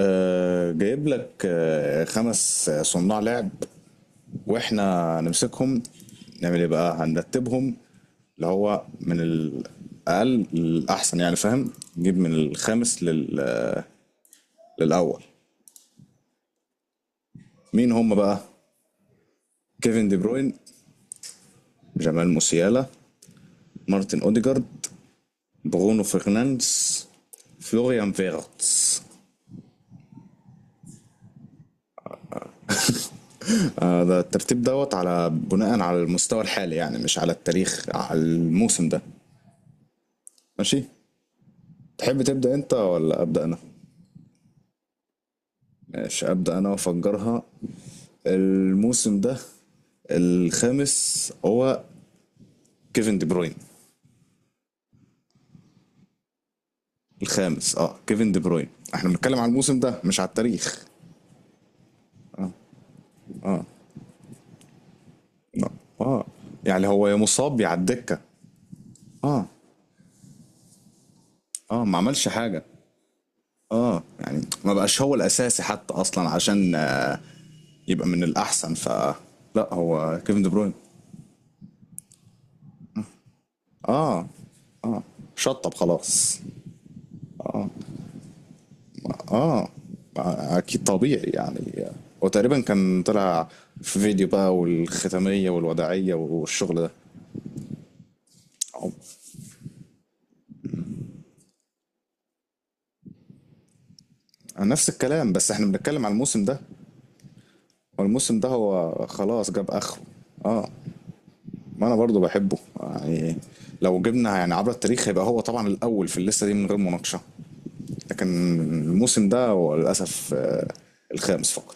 جايب لك خمس صناع لعب. واحنا نمسكهم نعمل ايه بقى؟ هنرتبهم اللي هو من الاقل للاحسن يعني، فاهم؟ نجيب من الخامس لل... آه، للاول. مين هم بقى؟ كيفن دي بروين، جمال موسيالا، مارتن اوديجارد، برونو فرنانديز، فلوريان فيرتس. ده الترتيب دوت على بناء على المستوى الحالي، يعني مش على التاريخ، على الموسم ده. ماشي، تحب تبدأ انت ولا أبدأ انا؟ ماشي أبدأ انا وافجرها. الموسم ده الخامس هو كيفن دي بروين. الخامس اه كيفن دي بروين. احنا بنتكلم على الموسم ده مش على التاريخ. اه يعني هو يا مصاب يا على الدكة. اه اه ما عملش حاجة. اه يعني ما بقاش هو الأساسي حتى أصلا عشان يبقى من الأحسن ف. لا هو كيفن دي بروين اه، شطب خلاص. اه اكيد طبيعي يعني. وتقريبا كان طلع في فيديو بقى والختامية والوداعية والشغل ده. أو- نفس الكلام بس احنا بنتكلم على الموسم ده، والموسم ده هو خلاص جاب اخره. اه ما انا برضو بحبه يعني. لو جبنا يعني عبر التاريخ هيبقى هو طبعا الاول في الليسته دي من غير مناقشه، لكن الموسم ده هو للاسف الخامس فقط.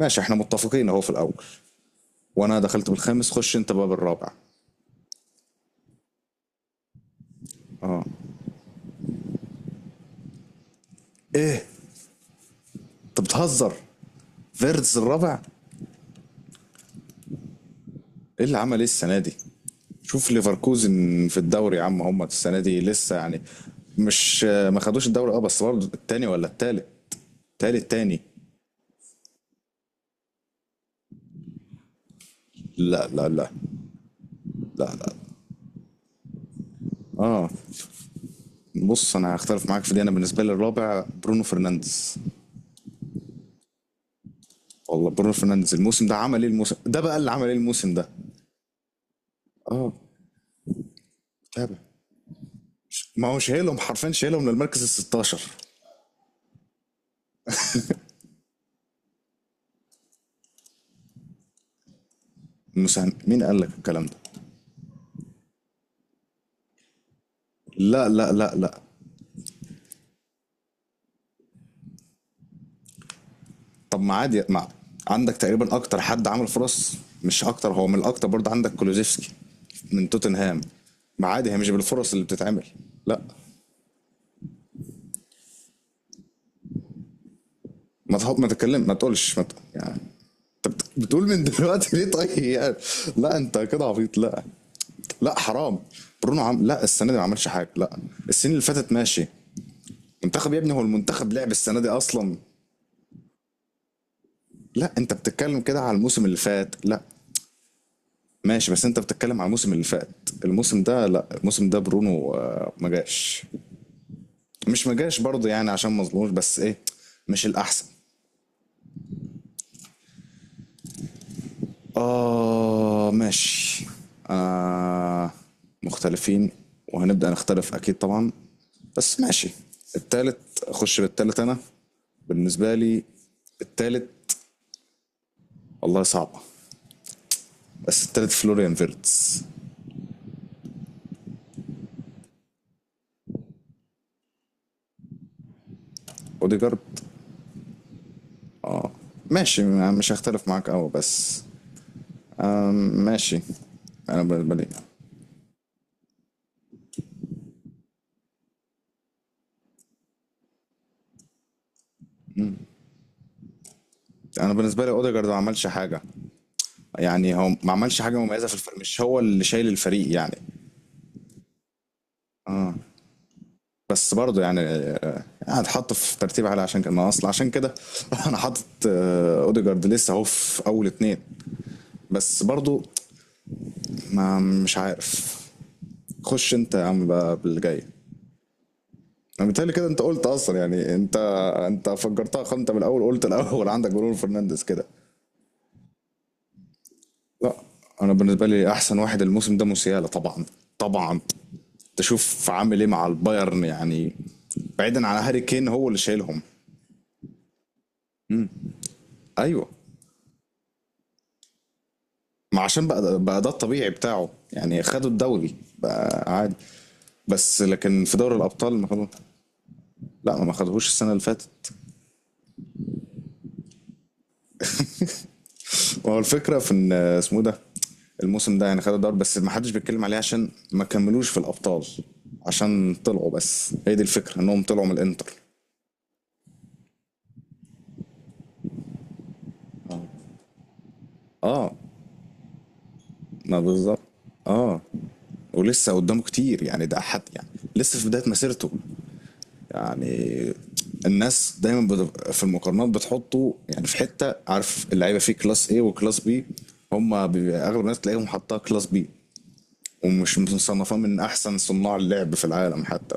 ماشي احنا متفقين اهو في الاول. وانا دخلت بالخامس، خش انت بقى بالرابع. ايه؟ انت بتهزر؟ فيرتز الرابع؟ ايه اللي عمل ايه السنه دي؟ شوف ليفركوزن في الدوري يا عم. هم السنه دي لسه يعني، مش ما خدوش الدوري اه، بس برضه التاني ولا التالت، تالت تاني. لا لا لا لا لا. اه بص، انا هختلف معاك في دي. انا بالنسبه لي الرابع برونو فرنانديز. والله برونو فرنانديز الموسم ده عمل ايه؟ الموسم ده بقى اللي عمل ايه الموسم ده؟ اه تابع. ما هو شايلهم حرفيا، شايلهم للمركز ال 16. المساهم مين قال لك الكلام ده؟ لا لا لا لا. طب ما عادي، ما عندك تقريبا اكتر حد عمل فرص. مش اكتر هو من الاكتر، برضه عندك كولوزيفسكي من توتنهام. ما عادي، هي مش بالفرص اللي بتتعمل. لا، ما تحط ما تتكلم ما تقولش ما ت... يعني. انت بتقول من دلوقتي ليه طيب يعني؟ لا، انت كده عبيط لا. لا حرام. برونو عم لا السنه دي ما عملش حاجه. لا السنين اللي فاتت ماشي. منتخب يا ابني، هو المنتخب لعب السنه دي اصلا؟ لا انت بتتكلم كده على الموسم اللي فات. لا ماشي بس انت بتتكلم على الموسم اللي فات. الموسم ده لا، الموسم ده برونو ما جاش. مش ما جاش برضه يعني عشان مظلوموش بس ايه، مش الاحسن. اه ماشي آه مختلفين. وهنبدأ نختلف اكيد طبعا، بس ماشي. التالت اخش بالتالت انا. بالنسبة لي التالت والله صعبة، بس التالت فلوريان فيرتس. اوديجارد ماشي، مش هختلف معاك قوي بس م- ماشي. انا بالنسبة لي، انا بالنسبه لي اوديجارد ما عملش حاجه. يعني هو ما عملش حاجه مميزه في الفريق، مش هو اللي شايل الفريق يعني. بس برضه يعني يعني اتحط في ترتيب عالي عشان كده، ما اصل عشان كده انا حاطط اوديجارد لسه اهو في اول اتنين. بس برضه، ما مش عارف. خش انت يا عم بقى بالجاي. انا بالتالي كده انت قلت اصلا يعني انت، انت فجرتها خالص. انت من الاول قلت الاول عندك برونو فرنانديز كده. لا، انا بالنسبه لي احسن واحد الموسم ده موسيالا طبعا، طبعا. تشوف عامل ايه مع البايرن يعني، بعيدا عن هاري كين، هو اللي شايلهم. ايوه، ما عشان بقى بقى ده الطبيعي بتاعه يعني، خدوا الدوري بقى عادي. بس لكن في دوري الابطال ما خدوا. لا ما خدوهوش السنه اللي فاتت. هو الفكره في ان اسمه إيه ده، الموسم ده يعني خدوا الدوري بس ما حدش بيتكلم عليه عشان ما كملوش في الابطال. عشان طلعوا بس، هي دي الفكره انهم طلعوا من الانتر. اه، ما بالظبط. اه، ولسه قدامه كتير يعني، ده حد يعني لسه في بدايه مسيرته يعني. الناس دايما في المقارنات بتحطه يعني في حته، عارف اللعيبه فيه كلاس ايه وكلاس بي؟ هم بيبقى اغلب الناس تلاقيهم حاطها كلاس بي. ومش مصنفاه من احسن صناع اللعب في العالم حتى.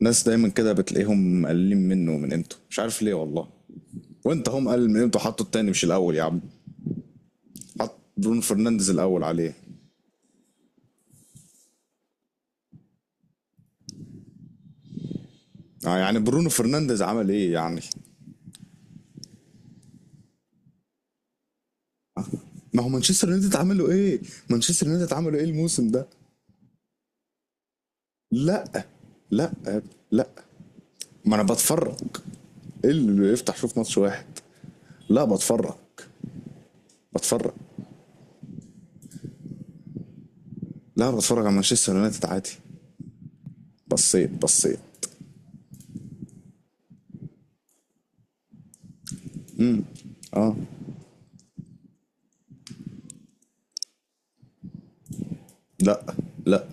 الناس دايما كده بتلاقيهم مقللين منه ومن قيمته، مش عارف ليه والله. وانت هم قلل من قيمته حطه التاني مش الاول يا عم. حط برونو فرنانديز الاول عليه؟ آه يعني برونو فرنانديز عمل ايه يعني؟ ما هو مانشستر يونايتد عملوا ايه؟ مانشستر يونايتد عملوا ايه الموسم ده؟ لا لا يا ابني، لا. ما انا بتفرج. ايه اللي يفتح شوف ماتش واحد؟ لا بتفرج لا، بتفرج على مانشستر يونايتد عادي. بصيت بصيت. اه. لا لا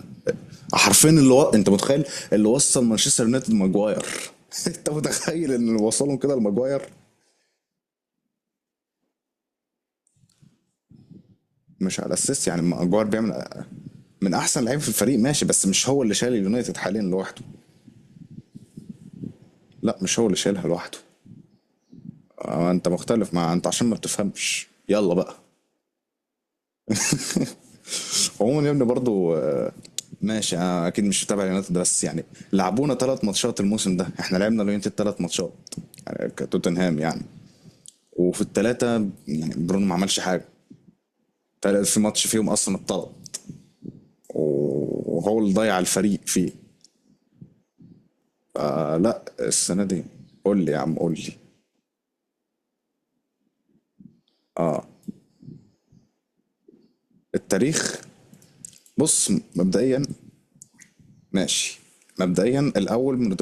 حرفيا، انت متخيل اللي وصل مانشستر يونايتد ماجواير؟ انت متخيل ان اللي وصلهم كده لماجواير؟ مش على اساس يعني ماجواير بيعمل. من احسن لعيب في الفريق ماشي، بس مش هو اللي شايل اليونايتد حاليا لوحده. لا مش هو اللي شايلها لوحده. انت مختلف مع انت عشان ما بتفهمش يلا بقى. عموما يا ابني برضو ماشي انا اكيد مش متابع اليونايتد ده، بس يعني لعبونا ثلاث ماتشات الموسم ده. احنا لعبنا اليونايتد ثلاث ماتشات يعني، كتوتنهام يعني. وفي الثلاثه يعني برونو ما عملش حاجه. في ماتش فيهم اصلا اتطرد، وهو اللي ضيع الفريق فيه. فلا السنه دي. قول لي يا عم قول لي. التاريخ. بص مبدئيا، ماشي. مبدئيا الاول من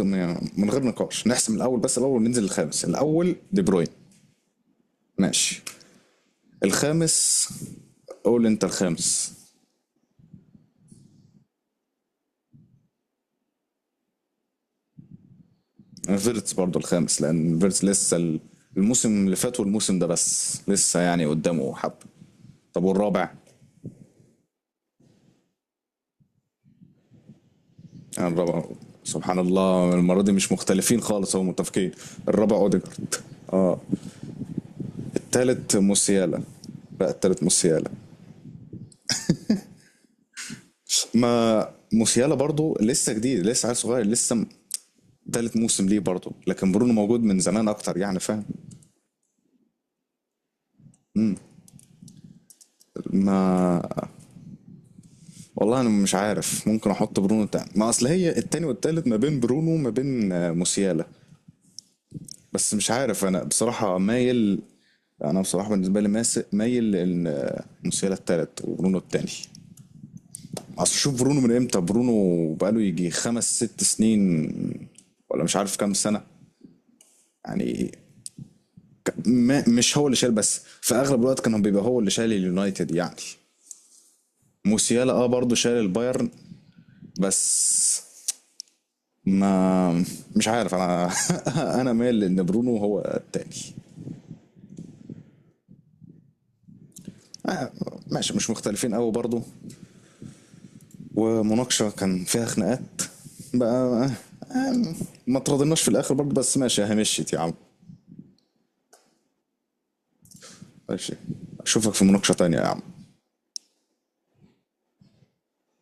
من غير نقاش نحسم الاول بس. الاول وننزل الخامس. الاول دي بروين. ماشي. الخامس، قول انت الخامس. فيرتس برضو الخامس لان فيرتس لسه الموسم اللي فات والموسم ده بس لسه يعني قدامه حب. طب والرابع؟ يعني الرابع، سبحان الله المرة دي مش مختلفين خالص هو متفقين. الرابع اوديجارد. التالت موسيالا. بقى التالت موسيالا. ما موسيالا برضو لسه جديد لسه عيل صغير لسه تالت موسم ليه برضو، لكن برونو موجود من زمان اكتر يعني، فاهم؟ ما والله انا مش عارف ممكن احط برونو تاني. ما اصل هي التاني والتالت ما بين برونو ما بين موسيالا، بس مش عارف انا بصراحة مايل. انا بصراحة بالنسبة لي مايل لان موسيالا التالت وبرونو التاني. اصل شوف برونو من امتى، برونو بقاله يجي خمس ست سنين، ولا مش عارف كام سنة يعني. ما مش هو اللي شايل بس في اغلب الوقت كان هو بيبقى هو اللي شايل اليونايتد يعني. موسيالا اه برضه شايل البايرن. بس ما مش عارف انا. انا مايل لان برونو هو التاني. آه، ماشي مش مختلفين قوي برضو. ومناقشه كان فيها خناقات بقى آه، ما ترضيناش في الاخر برضو بس ماشي هي مشيت يا عم. ماشي. اشوفك في مناقشه تانية يا عم.